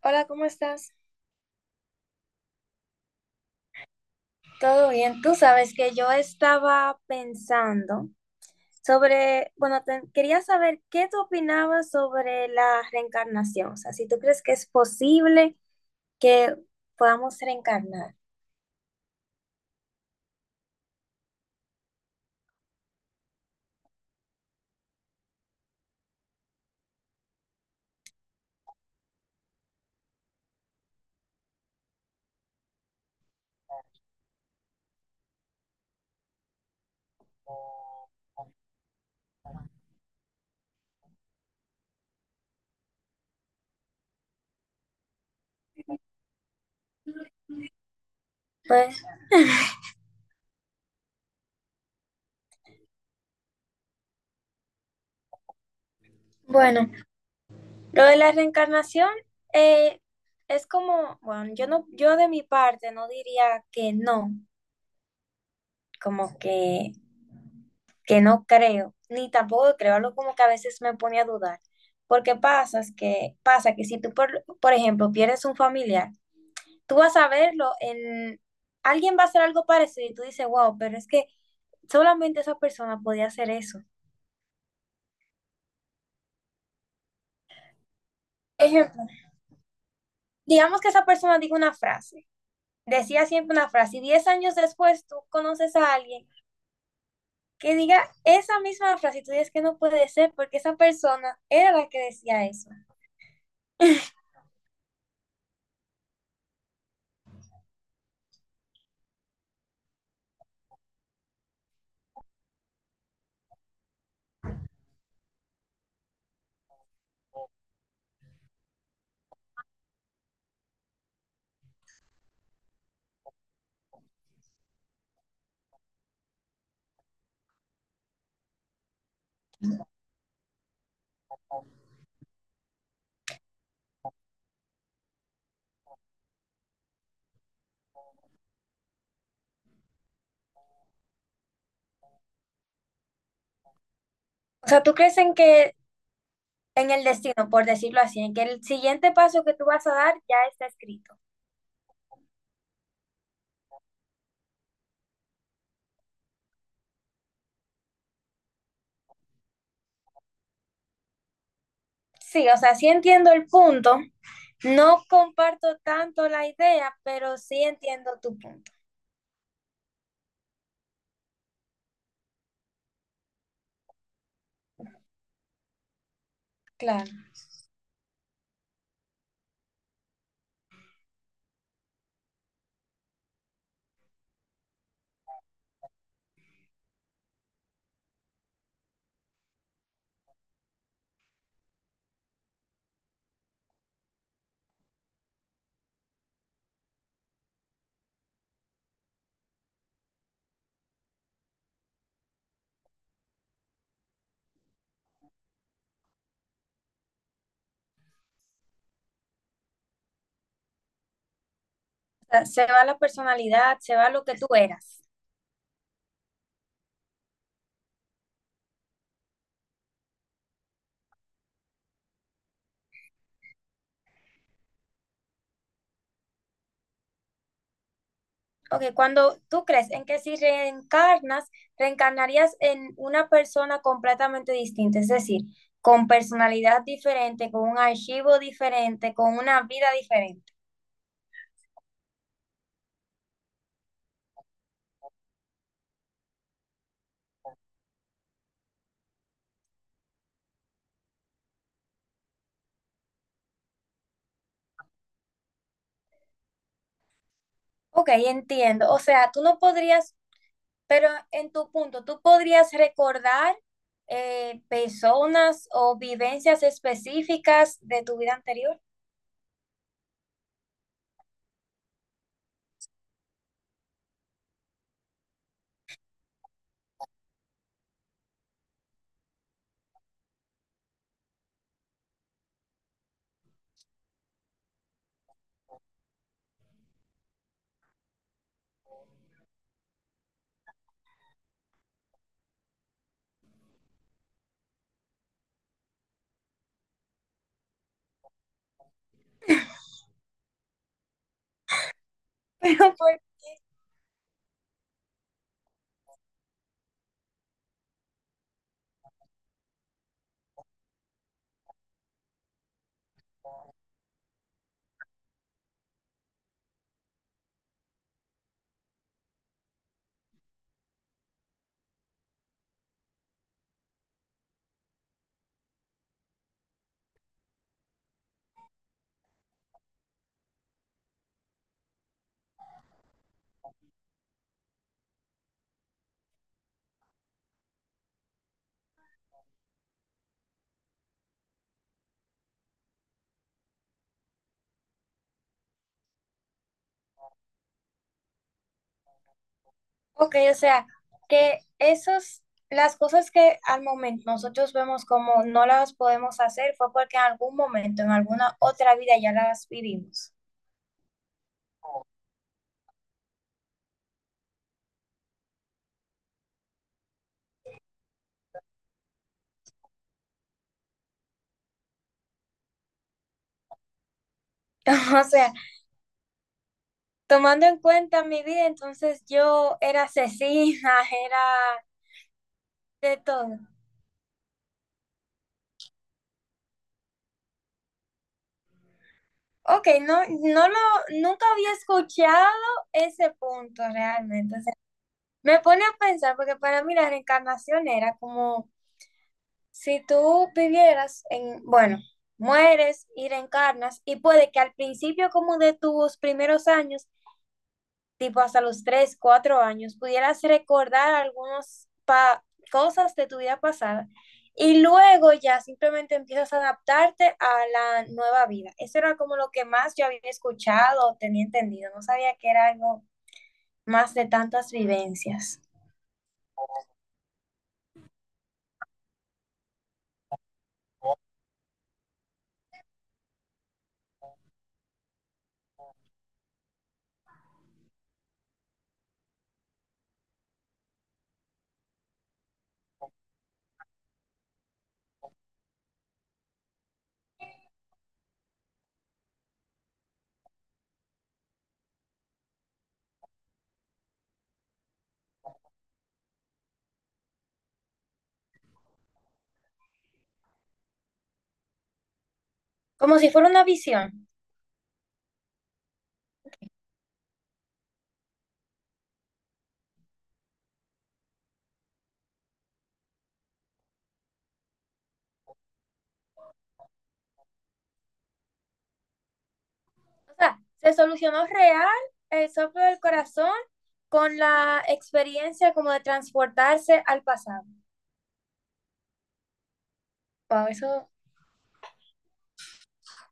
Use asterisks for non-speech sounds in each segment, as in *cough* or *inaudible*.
Hola, ¿cómo estás? Todo bien. Tú sabes que yo estaba pensando sobre, bueno, quería saber qué tú opinabas sobre la reencarnación. O sea, si tú crees que es posible que podamos reencarnar. Pues, bueno, lo de la reencarnación eh, es como, bueno, yo de mi parte no diría que no, como que no creo, ni tampoco creo, algo como que a veces me pone a dudar, porque pasa que si tú, por ejemplo, pierdes un familiar, tú vas a verlo en, alguien va a hacer algo parecido y tú dices, wow, pero es que solamente esa persona podía hacer eso. Ejemplo, digamos que esa persona diga una frase, decía siempre una frase, y 10 años después tú conoces a alguien que diga esa misma frase y tú dices que no puede ser porque esa persona era la que decía eso. *laughs* O sea, ¿tú crees en que en el destino, por decirlo así, en que el siguiente paso que tú vas a dar ya está escrito? Sí, o sea, sí entiendo el punto. No comparto tanto la idea, pero sí entiendo tu punto. Claro. O sea, se va la personalidad, se va lo que tú eras. Ok, cuando tú crees en que si reencarnas, reencarnarías en una persona completamente distinta, es decir, con personalidad diferente, con un archivo diferente, con una vida diferente. Ok, entiendo. O sea, tú no podrías, pero en tu punto, tú podrías recordar personas o vivencias específicas de tu vida anterior. *laughs* Pero, pues, Ok, o sea, que esos, las cosas que al momento nosotros vemos como no las podemos hacer fue porque en algún momento, en alguna otra vida ya las vivimos. *laughs* O sea, tomando en cuenta mi vida, entonces yo era asesina, *laughs* era de todo. Ok, nunca había escuchado ese punto realmente. O sea, me pone a pensar, porque para mí la reencarnación era como si tú vivieras en, bueno, mueres y reencarnas, y puede que al principio como de tus primeros años, tipo hasta los 3 o 4 años, pudieras recordar algunas cosas de tu vida pasada, y luego ya simplemente empiezas a adaptarte a la nueva vida. Eso era como lo que más yo había escuchado o tenía entendido. No sabía que era algo más de tantas vivencias. Como si fuera una visión. O sea, se solucionó real el soplo del corazón con la experiencia como de transportarse al pasado. Wow, eso,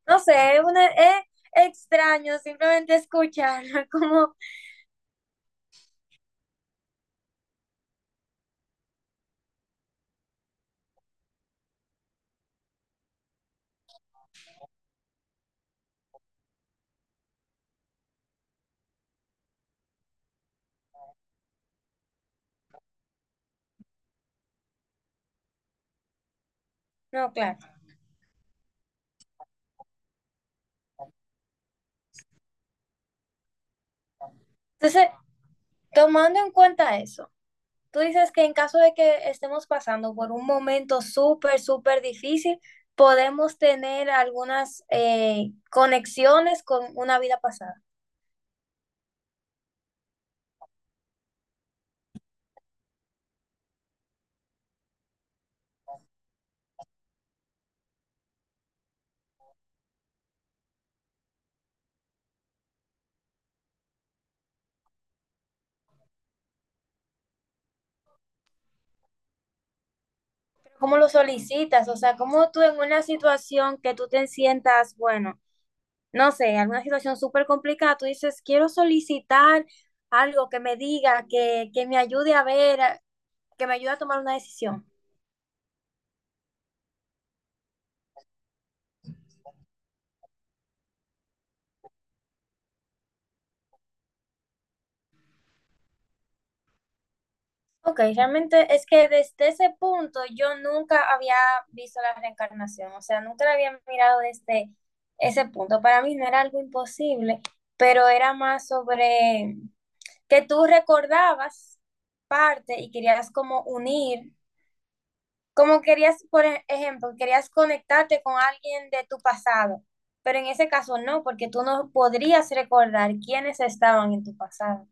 no sé, es extraño simplemente escucharlo, *laughs* como, no, claro. Entonces, tomando en cuenta eso, tú dices que en caso de que estemos pasando por un momento súper, súper difícil, podemos tener algunas conexiones con una vida pasada. ¿Cómo lo solicitas? O sea, cómo tú en una situación que tú te sientas, bueno, no sé, alguna situación súper complicada, tú dices, quiero solicitar algo que me diga, que me ayude a ver, que me ayude a tomar una decisión. Ok, realmente es que desde ese punto yo nunca había visto la reencarnación, o sea, nunca la había mirado desde ese punto. Para mí no era algo imposible, pero era más sobre que tú recordabas parte y querías como unir. Como querías, ejemplo, querías conectarte con alguien de tu pasado, pero en ese caso no, porque tú no podrías recordar quiénes estaban en tu pasado.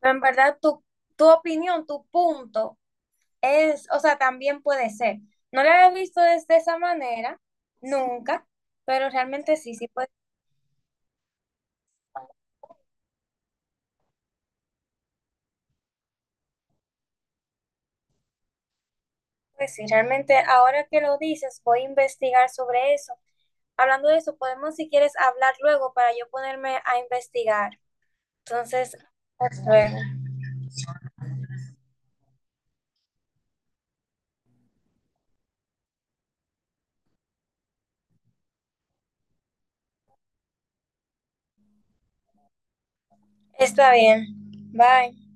Pero en verdad, tu opinión, tu punto es, o sea, también puede ser. No lo había visto desde esa manera, nunca, pero realmente sí, sí puede. Pues sí, realmente ahora que lo dices, voy a investigar sobre eso. Hablando de eso, podemos si quieres hablar luego para yo ponerme a investigar. Entonces, hasta luego. Está bien. Bye.